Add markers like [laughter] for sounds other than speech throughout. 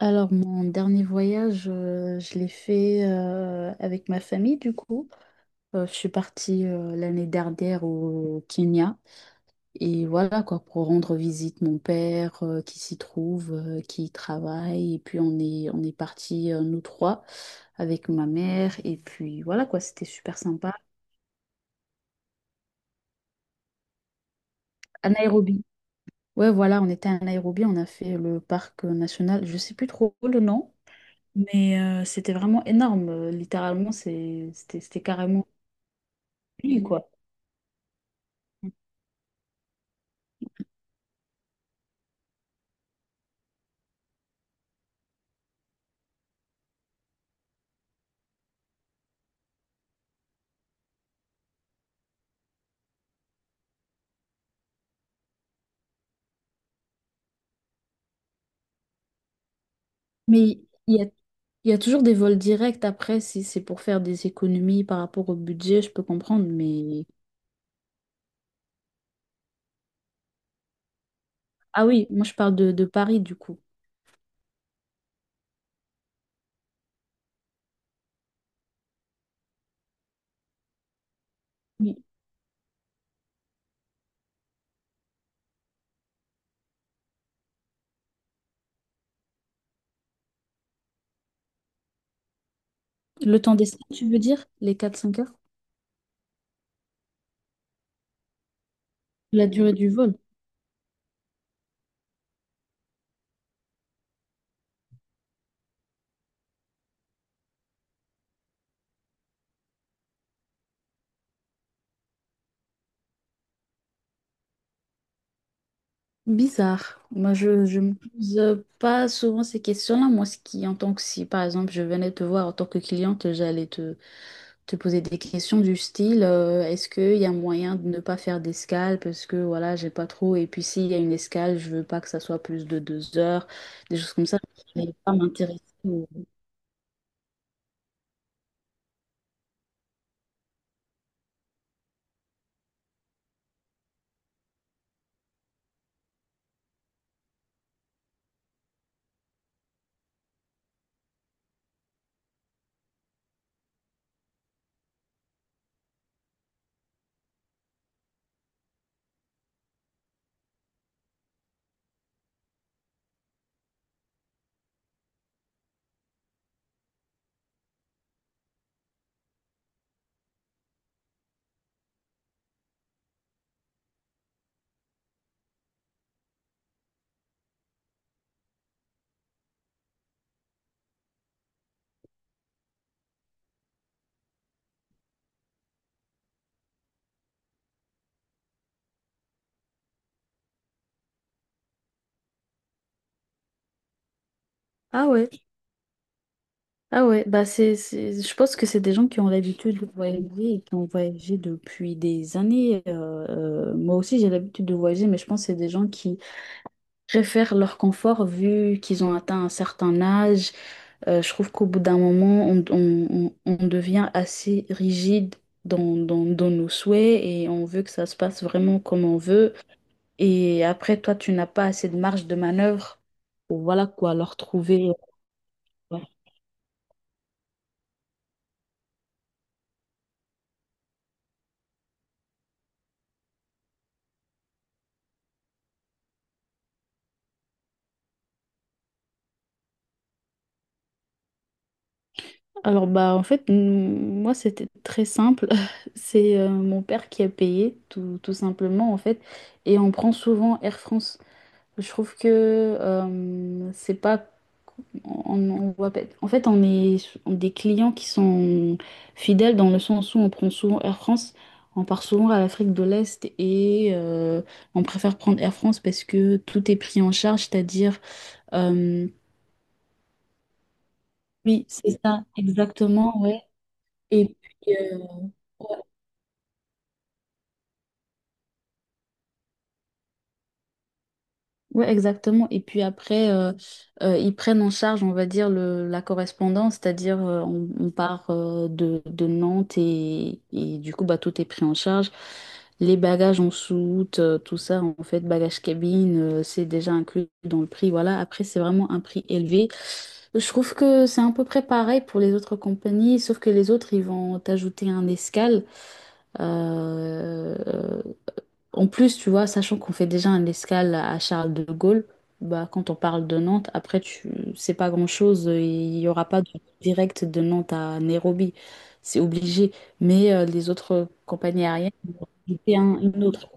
Alors, mon dernier voyage, je l'ai fait avec ma famille, du coup. Je suis partie l'année dernière au Kenya. Et voilà, quoi, pour rendre visite mon père qui s'y trouve, qui y travaille. Et puis, on est partis, nous trois, avec ma mère. Et puis, voilà, quoi, c'était super sympa. À Nairobi. Ouais, voilà, on était à Nairobi, on a fait le parc national, je sais plus trop le nom. Mais c'était vraiment énorme. Littéralement, c'était carrément lui, quoi. Mais il y a, il y a toujours des vols directs après, si c'est pour faire des économies par rapport au budget, je peux comprendre, mais... Ah oui, moi je parle de Paris du coup. Oui. Le temps d'essai, tu veux dire? Les 4 5 heures? La durée du vol? Bizarre. Moi, je me pose pas souvent ces questions-là. Moi, ce qui, en tant que si, par exemple, je venais te voir en tant que cliente, j'allais te, poser des questions du style est-ce qu'il y a moyen de ne pas faire d'escale parce que voilà, j'ai pas trop. Et puis s'il y a une escale, je veux pas que ça soit plus de 2 heures, des choses comme ça. Je vais pas m'intéresser au- Ah ouais, ah ouais, bah c'est, je pense que c'est des gens qui ont l'habitude de voyager et qui ont voyagé depuis des années. Moi aussi, j'ai l'habitude de voyager, mais je pense que c'est des gens qui préfèrent leur confort vu qu'ils ont atteint un certain âge. Je trouve qu'au bout d'un moment, on devient assez rigide dans nos souhaits et on veut que ça se passe vraiment comme on veut. Et après, toi, tu n'as pas assez de marge de manœuvre. Voilà quoi, leur trouver. Ouais. Alors, bah, en fait, moi, c'était très simple. [laughs] C'est mon père qui a payé, tout simplement, en fait. Et on prend souvent Air France. Je trouve que c'est pas. On, on voit pas- en fait, on est des clients qui sont fidèles dans le sens où on prend souvent Air France, on part souvent à l'Afrique de l'Est et on préfère prendre Air France parce que tout est pris en charge, c'est-à-dire... euh, oui, c'est ça, exactement, ouais. Et puis, ouais, exactement. Et puis après, ils prennent en charge, on va dire, la correspondance, c'est-à-dire on part de Nantes et du coup, bah, tout est pris en charge. Les bagages en soute, tout ça, en fait, bagages cabine, c'est déjà inclus dans le prix. Voilà. Après, c'est vraiment un prix élevé. Je trouve que c'est à peu près pareil pour les autres compagnies, sauf que les autres, ils vont t'ajouter un escale. Euh, en plus, tu vois, sachant qu'on fait déjà un escale à Charles de Gaulle, bah, quand on parle de Nantes, après, tu c'est pas grand-chose. Il y aura pas de direct de Nantes à Nairobi. C'est obligé. Mais les autres compagnies aériennes, c'était une autre.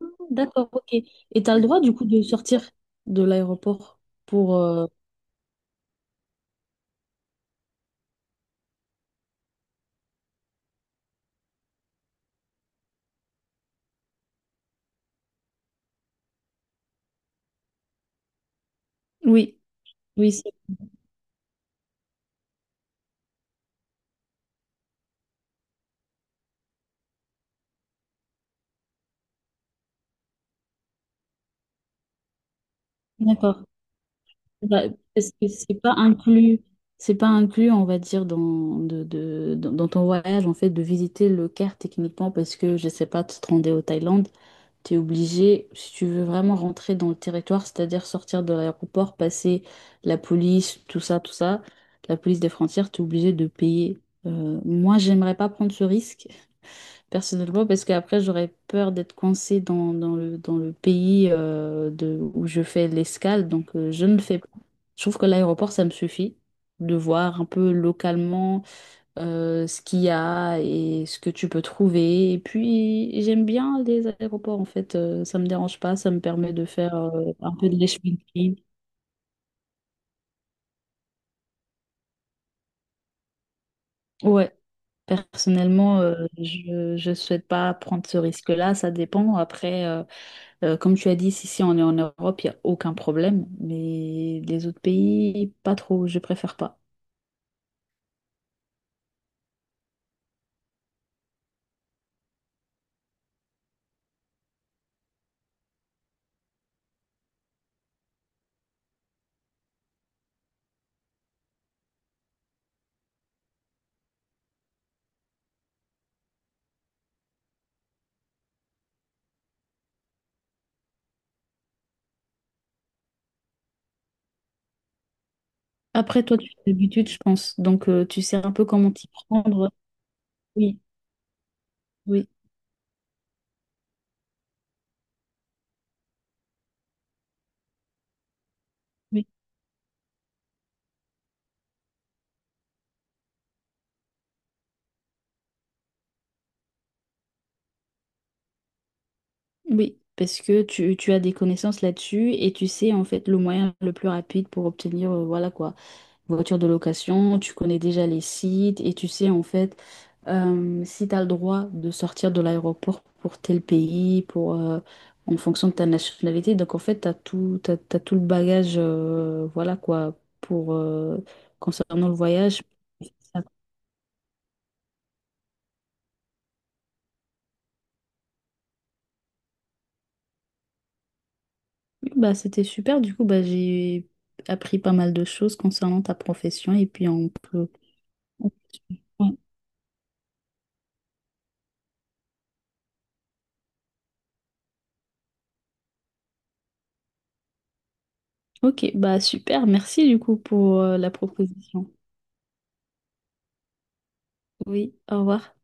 Ah, d'accord, ok. Et tu as le droit, du coup, de sortir de l'aéroport pour... Oui, oui, d'accord. Bah, parce que c'est pas inclus, on va dire, dans ton voyage, en fait, de visiter le Caire techniquement, parce que, je sais pas, tu te rendais au Thaïlande, tu es obligé, si tu veux vraiment rentrer dans le territoire, c'est-à-dire sortir de l'aéroport, passer la police, tout ça, la police des frontières, tu es obligé de payer. Moi, j'aimerais pas prendre ce risque personnellement, parce qu'après, j'aurais peur d'être coincée dans le pays où je fais l'escale, donc je ne le fais pas. Je trouve que l'aéroport, ça me suffit de voir un peu localement ce qu'il y a et ce que tu peux trouver. Et puis, j'aime bien les aéroports, en fait, ça me dérange pas, ça me permet de faire un peu de l'ashwinking. Ouais. Personnellement, je ne souhaite pas prendre ce risque-là. Ça dépend. Après, comme tu as dit, si on est en Europe, il n'y a aucun problème, mais les autres pays, pas trop, je préfère pas. Après, toi, tu as l'habitude, je pense, donc tu sais un peu comment t'y prendre. Oui, oui, oui, oui, parce que tu as des connaissances là-dessus et tu sais en fait le moyen le plus rapide pour obtenir, voilà quoi, voiture de location, tu connais déjà les sites et tu sais en fait si tu as le droit de sortir de l'aéroport pour tel pays, en fonction de ta nationalité. Donc en fait, tu as tout, t'as- t'as tout le bagage, voilà quoi, concernant le voyage. Bah, c'était super, du coup, bah, j'ai appris pas mal de choses concernant ta profession et puis on peut... Ok, bah super, merci du coup pour la proposition. Oui, au revoir.